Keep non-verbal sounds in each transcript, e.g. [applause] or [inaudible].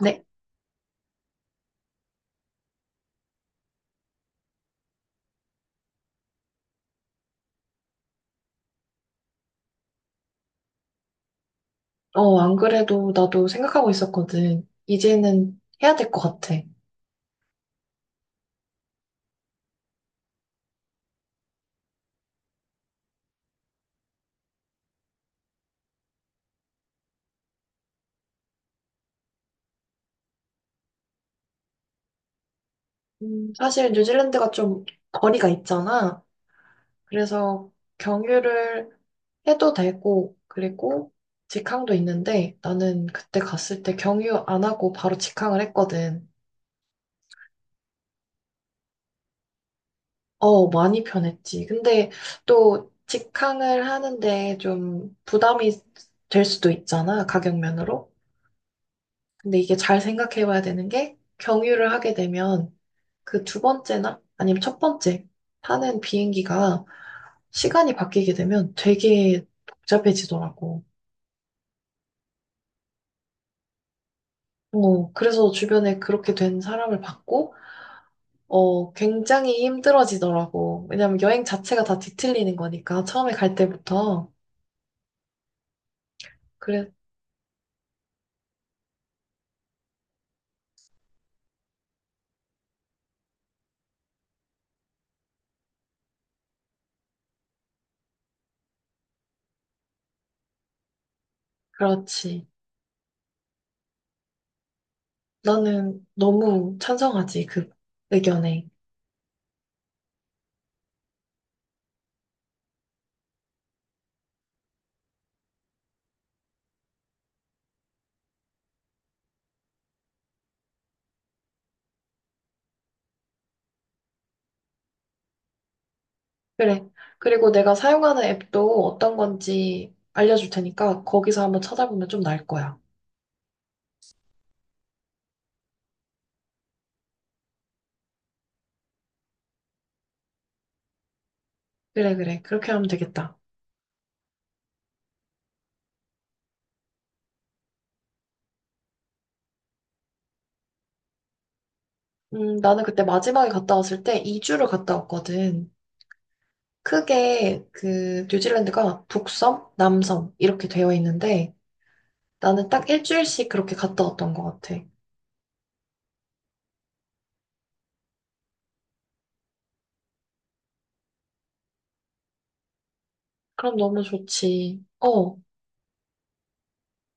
네. 안 그래도 나도 생각하고 있었거든. 이제는 해야 될 것 같아. 사실 뉴질랜드가 좀 거리가 있잖아. 그래서 경유를 해도 되고, 그리고 직항도 있는데 나는 그때 갔을 때 경유 안 하고 바로 직항을 했거든. 많이 편했지. 근데 또 직항을 하는데 좀 부담이 될 수도 있잖아. 가격면으로. 근데 이게 잘 생각해 봐야 되는 게 경유를 하게 되면 그 두 번째나 아니면 첫 번째 타는 비행기가 시간이 바뀌게 되면 되게 복잡해지더라고. 그래서 주변에 그렇게 된 사람을 봤고, 굉장히 힘들어지더라고. 왜냐면 여행 자체가 다 뒤틀리는 거니까, 처음에 갈 때부터. 그래, 그렇지. 나는 너무 찬성하지, 그 의견에. 그래. 그리고 내가 사용하는 앱도 어떤 건지 알려줄 테니까, 거기서 한번 찾아보면 좀 나을 거야. 그래, 그래. 그렇게 하면 되겠다. 나는 그때 마지막에 갔다 왔을 때 2주를 갔다 왔거든. 크게 그 뉴질랜드가 북섬, 남섬 이렇게 되어 있는데 나는 딱 일주일씩 그렇게 갔다 왔던 것 같아. 그럼 너무 좋지. 어,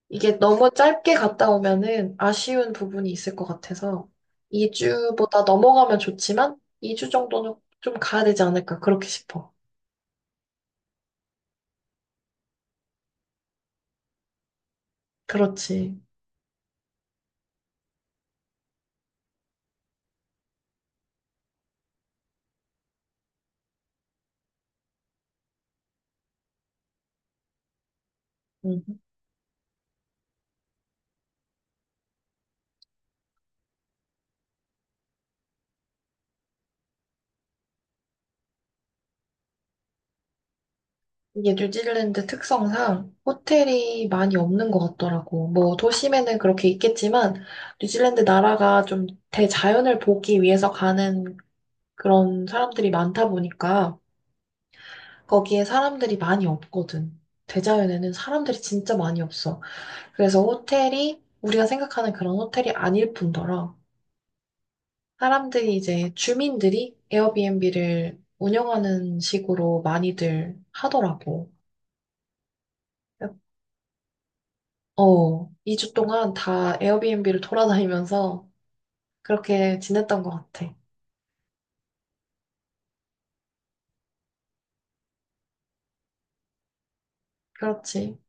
이게 너무 짧게 갔다 오면은 아쉬운 부분이 있을 것 같아서 2주보다 넘어가면 좋지만 2주 정도는 좀 가야 되지 않을까 그렇게 싶어. 그렇지. 이게 뉴질랜드 특성상 호텔이 많이 없는 것 같더라고. 뭐 도심에는 그렇게 있겠지만 뉴질랜드 나라가 좀 대자연을 보기 위해서 가는 그런 사람들이 많다 보니까 거기에 사람들이 많이 없거든. 대자연에는 사람들이 진짜 많이 없어. 그래서 호텔이 우리가 생각하는 그런 호텔이 아닐 뿐더러 사람들이 이제 주민들이 에어비앤비를 운영하는 식으로 많이들 하더라고. 어, 2주 동안 다 에어비앤비를 돌아다니면서 그렇게 지냈던 것 같아. 그렇지.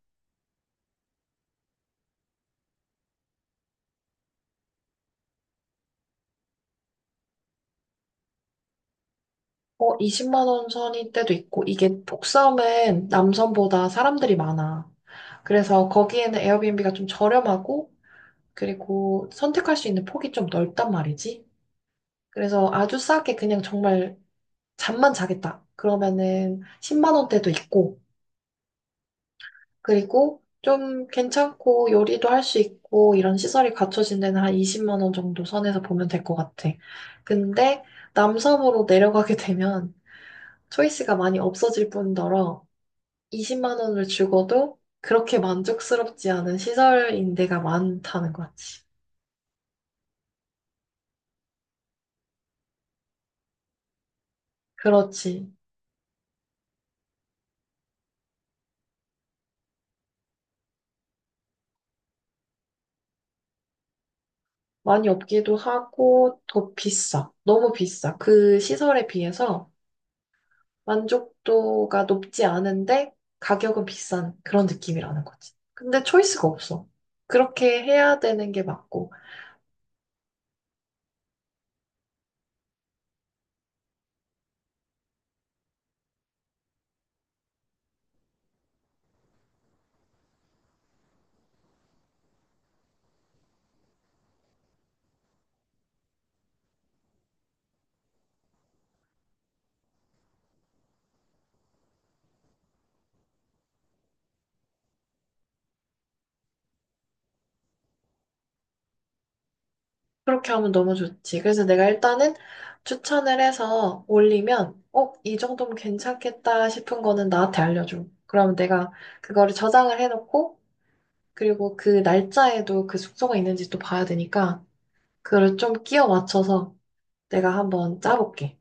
어, 20만 원 선일 때도 있고, 이게 독섬은 남섬보다 사람들이 많아. 그래서 거기에는 에어비앤비가 좀 저렴하고, 그리고 선택할 수 있는 폭이 좀 넓단 말이지. 그래서 아주 싸게 그냥 정말 잠만 자겠다. 그러면은 10만 원대도 있고, 그리고 좀 괜찮고 요리도 할 수 있고 이런 시설이 갖춰진 데는 한 20만 원 정도 선에서 보면 될 것 같아. 근데 남섬으로 내려가게 되면 초이스가 많이 없어질 뿐더러 20만 원을 주고도 그렇게 만족스럽지 않은 시설인 데가 많다는 거지. 그렇지. 많이 없기도 하고 더 비싸. 너무 비싸. 그 시설에 비해서 만족도가 높지 않은데 가격은 비싼 그런 느낌이라는 거지. 근데 초이스가 없어. 그렇게 해야 되는 게 맞고, 그렇게 하면 너무 좋지. 그래서 내가 일단은 추천을 해서 올리면, 어, 이 정도면 괜찮겠다 싶은 거는 나한테 알려줘. 그럼 내가 그거를 저장을 해놓고, 그리고 그 날짜에도 그 숙소가 있는지 또 봐야 되니까, 그걸 좀 끼워 맞춰서 내가 한번 짜볼게.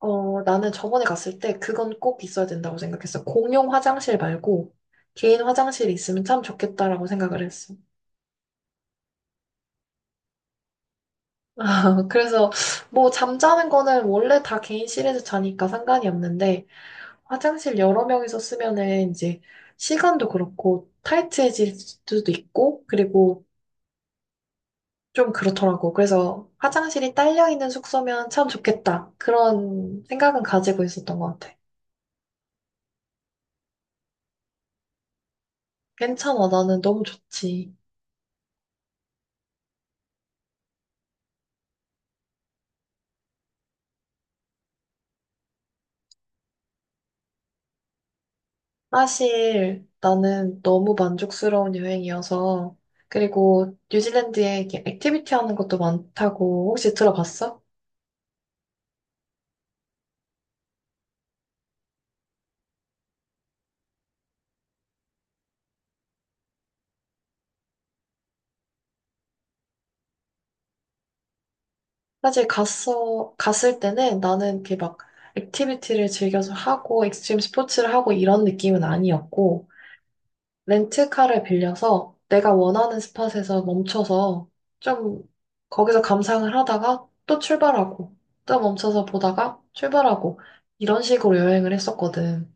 나는 저번에 갔을 때 그건 꼭 있어야 된다고 생각했어. 공용 화장실 말고 개인 화장실이 있으면 참 좋겠다라고 생각을 했어. [laughs] 그래서 뭐 잠자는 거는 원래 다 개인실에서 자니까 상관이 없는데 화장실 여러 명이서 쓰면은 이제 시간도 그렇고 타이트해질 수도 있고 그리고 좀 그렇더라고. 그래서 화장실이 딸려 있는 숙소면 참 좋겠다. 그런 생각은 가지고 있었던 것 같아. 괜찮아. 나는 너무 좋지. 사실 나는 너무 만족스러운 여행이어서 그리고 뉴질랜드에 이렇게 액티비티 하는 것도 많다고 혹시 들어봤어? 사실 갔어 갔을 때는 나는 이렇게 막 액티비티를 즐겨서 하고 익스트림 스포츠를 하고 이런 느낌은 아니었고 렌트카를 빌려서 내가 원하는 스팟에서 멈춰서 좀 거기서 감상을 하다가 또 출발하고 또 멈춰서 보다가 출발하고 이런 식으로 여행을 했었거든.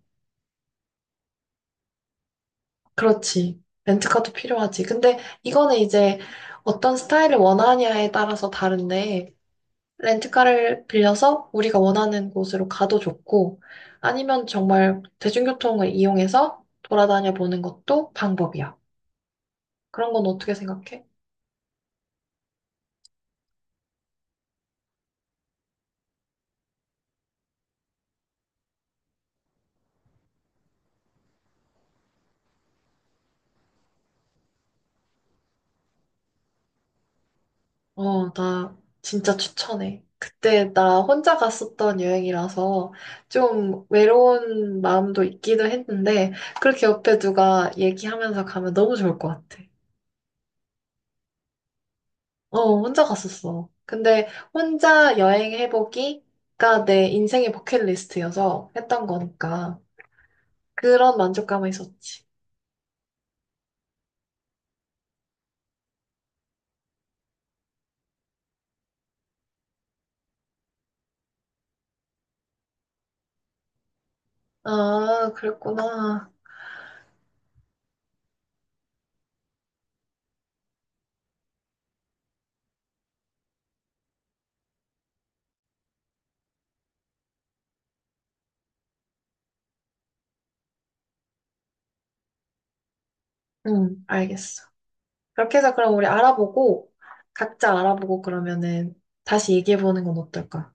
그렇지. 렌트카도 필요하지. 근데 이거는 이제 어떤 스타일을 원하냐에 따라서 다른데, 렌트카를 빌려서 우리가 원하는 곳으로 가도 좋고, 아니면 정말 대중교통을 이용해서 돌아다녀 보는 것도 방법이야. 그런 건 어떻게 생각해? 나 진짜 추천해. 그때 나 혼자 갔었던 여행이라서 좀 외로운 마음도 있기도 했는데, 그렇게 옆에 누가 얘기하면서 가면 너무 좋을 것 같아. 어, 혼자 갔었어. 근데 혼자 여행해보기가 내 인생의 버킷리스트여서 했던 거니까 그런 만족감이 있었지. 아, 그랬구나. 응, 알겠어. 그렇게 해서 그럼 우리 알아보고 각자 알아보고 그러면은 다시 얘기해보는 건 어떨까?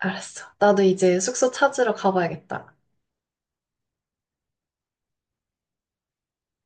알았어. 나도 이제 숙소 찾으러 가봐야겠다.